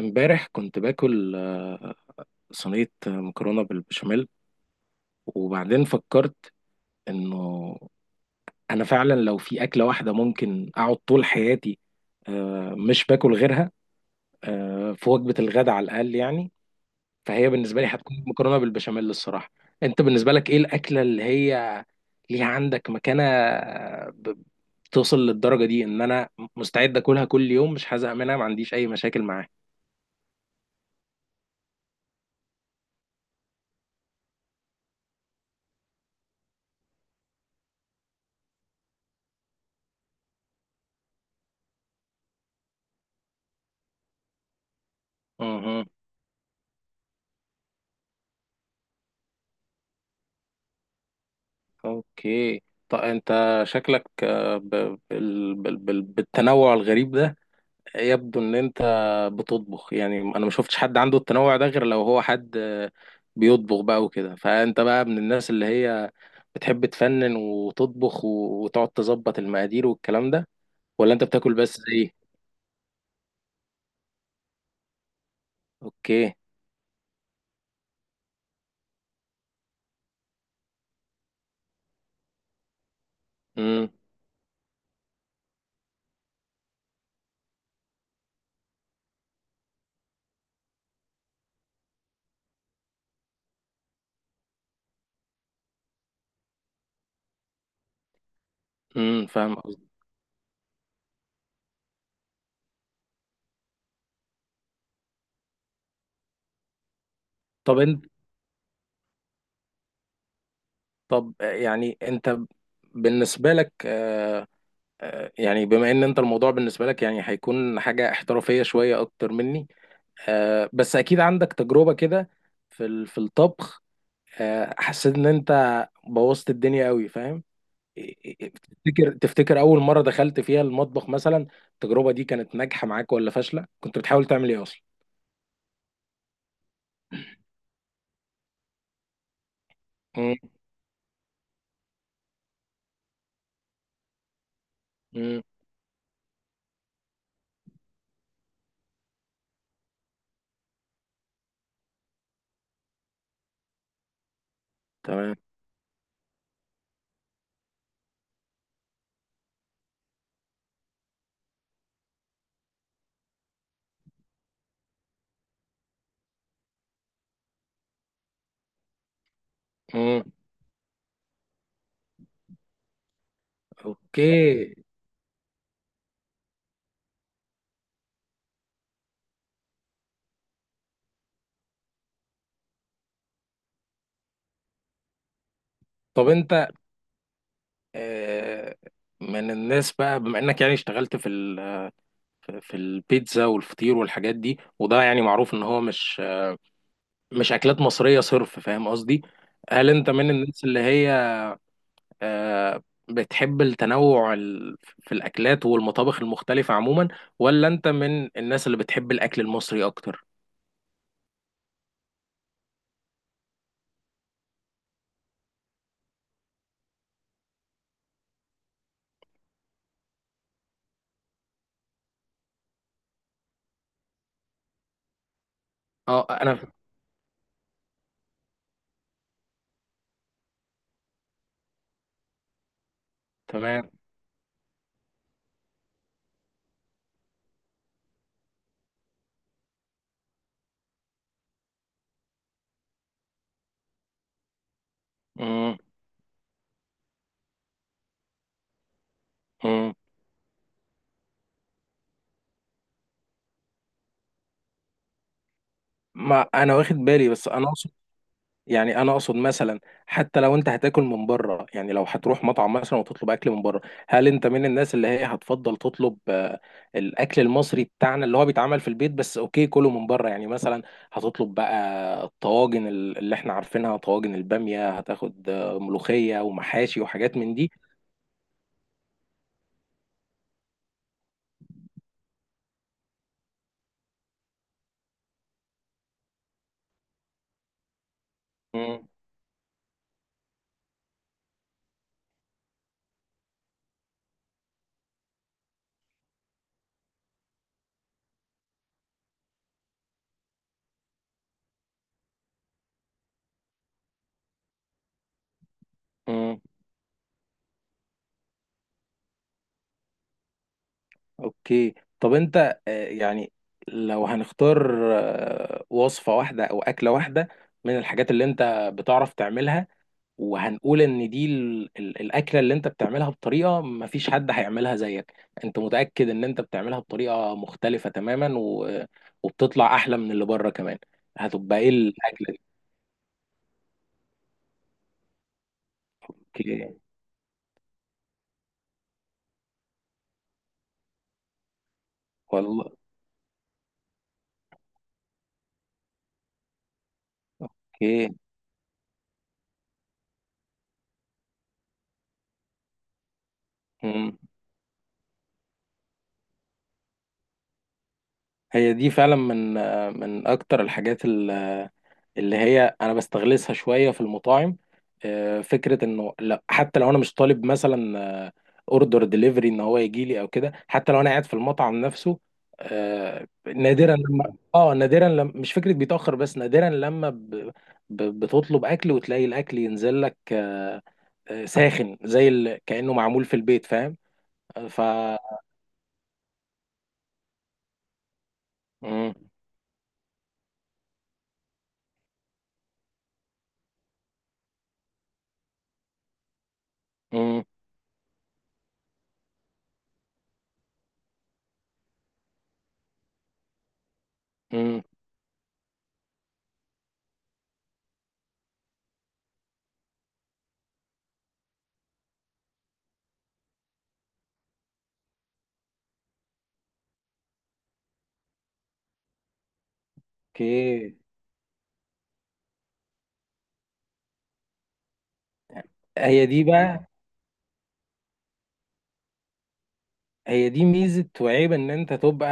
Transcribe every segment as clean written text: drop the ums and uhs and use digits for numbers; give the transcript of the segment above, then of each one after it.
امبارح كنت باكل صينية مكرونة بالبشاميل، وبعدين فكرت انه انا فعلا لو في اكلة واحدة ممكن اقعد طول حياتي مش باكل غيرها في وجبة الغداء على الاقل يعني، فهي بالنسبة لي هتكون مكرونة بالبشاميل الصراحة. انت بالنسبة لك ايه الاكلة اللي هي ليها عندك مكانة، ب- بتوصل للدرجة دي ان انا مستعد اكلها كل يوم، مش هزهق منها، ما عنديش اي مشاكل معاها؟ اوكي. طب انت شكلك آه، ب... بال... بال... بال... بالتنوع الغريب ده يبدو ان انت بتطبخ. يعني انا ما شفتش حد عنده التنوع ده غير لو هو حد بيطبخ بقى وكده. فانت بقى من الناس اللي هي بتحب تفنن وتطبخ وتقعد تظبط المقادير والكلام ده، ولا انت بتاكل بس زي إيه؟ اوكي. امم فاهم قصدي. طب انت. طب آه، يعني انت بالنسبة لك، يعني بما ان انت الموضوع بالنسبه لك يعني هيكون حاجه احترافيه شويه اكتر مني، بس اكيد عندك تجربه كده في في الطبخ. حسيت ان انت بوظت الدنيا قوي فاهم. إيه- تفتكر اول مره دخلت فيها المطبخ مثلا التجربه دي كانت ناجحه معاك ولا فاشله؟ كنت بتحاول تعمل ايه اصلا؟ مم. مم. تمام. مم. اوكي. طب انت آه، من الناس بقى، بما انك يعني اشتغلت في ال في البيتزا والفطير والحاجات دي، وده يعني معروف ان هو مش اكلات مصرية صرف، فاهم قصدي؟ هل انت من الناس اللي هي آه، بتحب التنوع في الاكلات والمطابخ المختلفة عموما، ولا انت من الناس اللي بتحب الاكل المصري اكتر؟ اه انا. تمام. مم. مم. ما انا واخد بالي، بس انا اقصد، يعني انا اقصد مثلا حتى لو انت هتاكل من بره، يعني لو هتروح مطعم مثلا وتطلب اكل من بره، هل انت من الناس اللي هي هتفضل تطلب الاكل المصري بتاعنا اللي هو بيتعمل في البيت، بس اوكي كله من بره، يعني مثلا هتطلب بقى الطواجن اللي احنا عارفينها، طواجن البامية، هتاخد ملوخية ومحاشي وحاجات من دي؟ مم. مم. اوكي. طب انت يعني لو هنختار وصفة واحدة او اكلة واحدة من الحاجات اللي انت بتعرف تعملها، وهنقول ان دي الاكله اللي انت بتعملها بطريقه ما فيش حد هيعملها زيك، انت متاكد ان انت بتعملها بطريقه مختلفه تماما وبتطلع احلى من اللي بره كمان، هتبقى ايه الاكله دي؟ اوكي. والله. اوكي. مم. هي دي فعلا من اكتر الحاجات اللي هي انا بستغلسها شويه في المطاعم، فكره انه لا حتى لو انا مش طالب مثلا اوردر ديليفري ان هو يجي لي او كده، حتى لو انا قاعد في المطعم نفسه، نادرا لما مش فكره بيتاخر، بس نادرا لما بتطلب اكل وتلاقي الاكل ينزل لك ساخن زي كانه معمول في البيت فاهم. آه، ف مم. مم. مم. اوكي. هي دي بقى، هي دي ميزة وعيب ان انت تبقى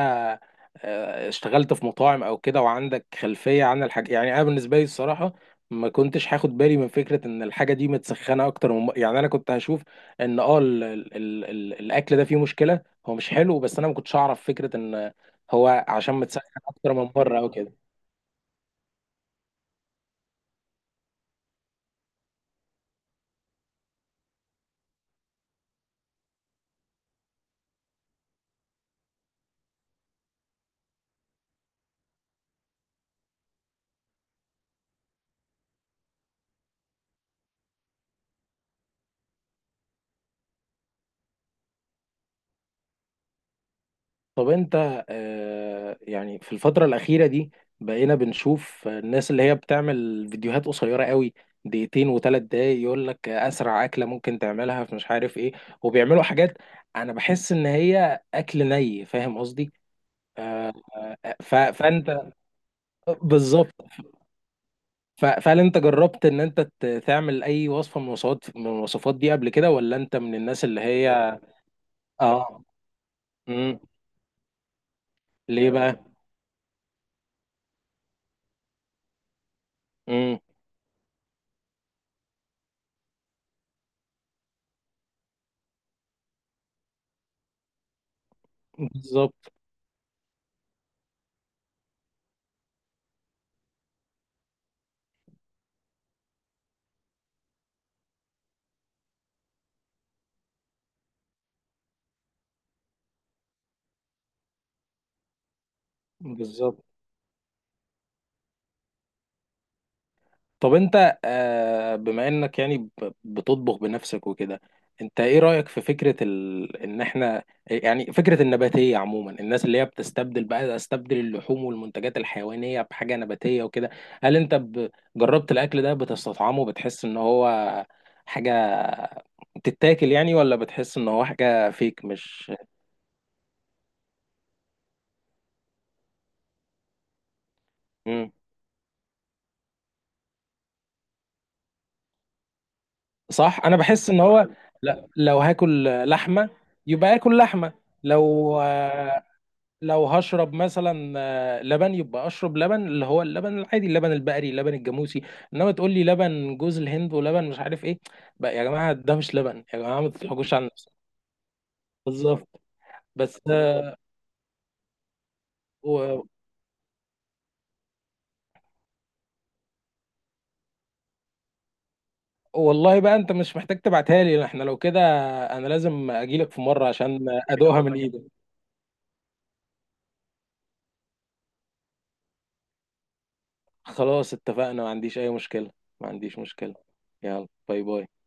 اشتغلت في مطاعم او كده وعندك خلفية عن الحاجة. يعني انا بالنسبة لي الصراحة ما كنتش هاخد بالي من فكرة ان الحاجة دي متسخنة اكتر، من يعني انا كنت هشوف ان الاكل ده فيه مشكلة، هو مش حلو، بس انا ما كنتش اعرف فكرة ان هو عشان متسخن اكتر من بره او كده. طب انت يعني في الفترة الأخيرة دي بقينا بنشوف الناس اللي هي بتعمل فيديوهات قصيرة قوي، دقيقتين وثلاث دقايق، يقول لك أسرع أكلة ممكن تعملها في مش عارف إيه، وبيعملوا حاجات أنا بحس إن هي أكل ني، فاهم قصدي؟ آه، فأنت بالظبط. فهل أنت جربت إن أنت تعمل أي وصفة من الوصفات دي قبل كده، ولا أنت من الناس اللي هي آه مم. ليه بقى؟ مم. بالظبط. بالظبط. طب انت بما انك يعني بتطبخ بنفسك وكده، انت ايه رأيك في فكرة ان احنا، يعني فكرة النباتية عموما، الناس اللي هي بتستبدل بقى، استبدل اللحوم والمنتجات الحيوانية بحاجة نباتية وكده، هل انت جربت الاكل ده؟ بتستطعمه؟ بتحس ان هو حاجة بتتاكل يعني، ولا بتحس ان هو حاجة فيك مش. مم. صح. انا بحس ان هو، لا لو هاكل لحمة يبقى اكل لحمة، لو آه، لو هشرب مثلا لبن، يبقى اشرب لبن اللي هو اللبن العادي، اللبن البقري، اللبن الجاموسي، انما تقول لي لبن جوز الهند ولبن مش عارف ايه، بقى يا جماعه ده مش لبن يا جماعه، ما تضحكوش على نفسكم. بالظبط. بس و- والله بقى انت مش محتاج تبعتها لي، احنا لو كده انا لازم اجيلك في مره عشان كده ادوقها والله من ايدك. خلاص اتفقنا، ما عنديش اي مشكله، ما عنديش مشكله. يلا، باي باي.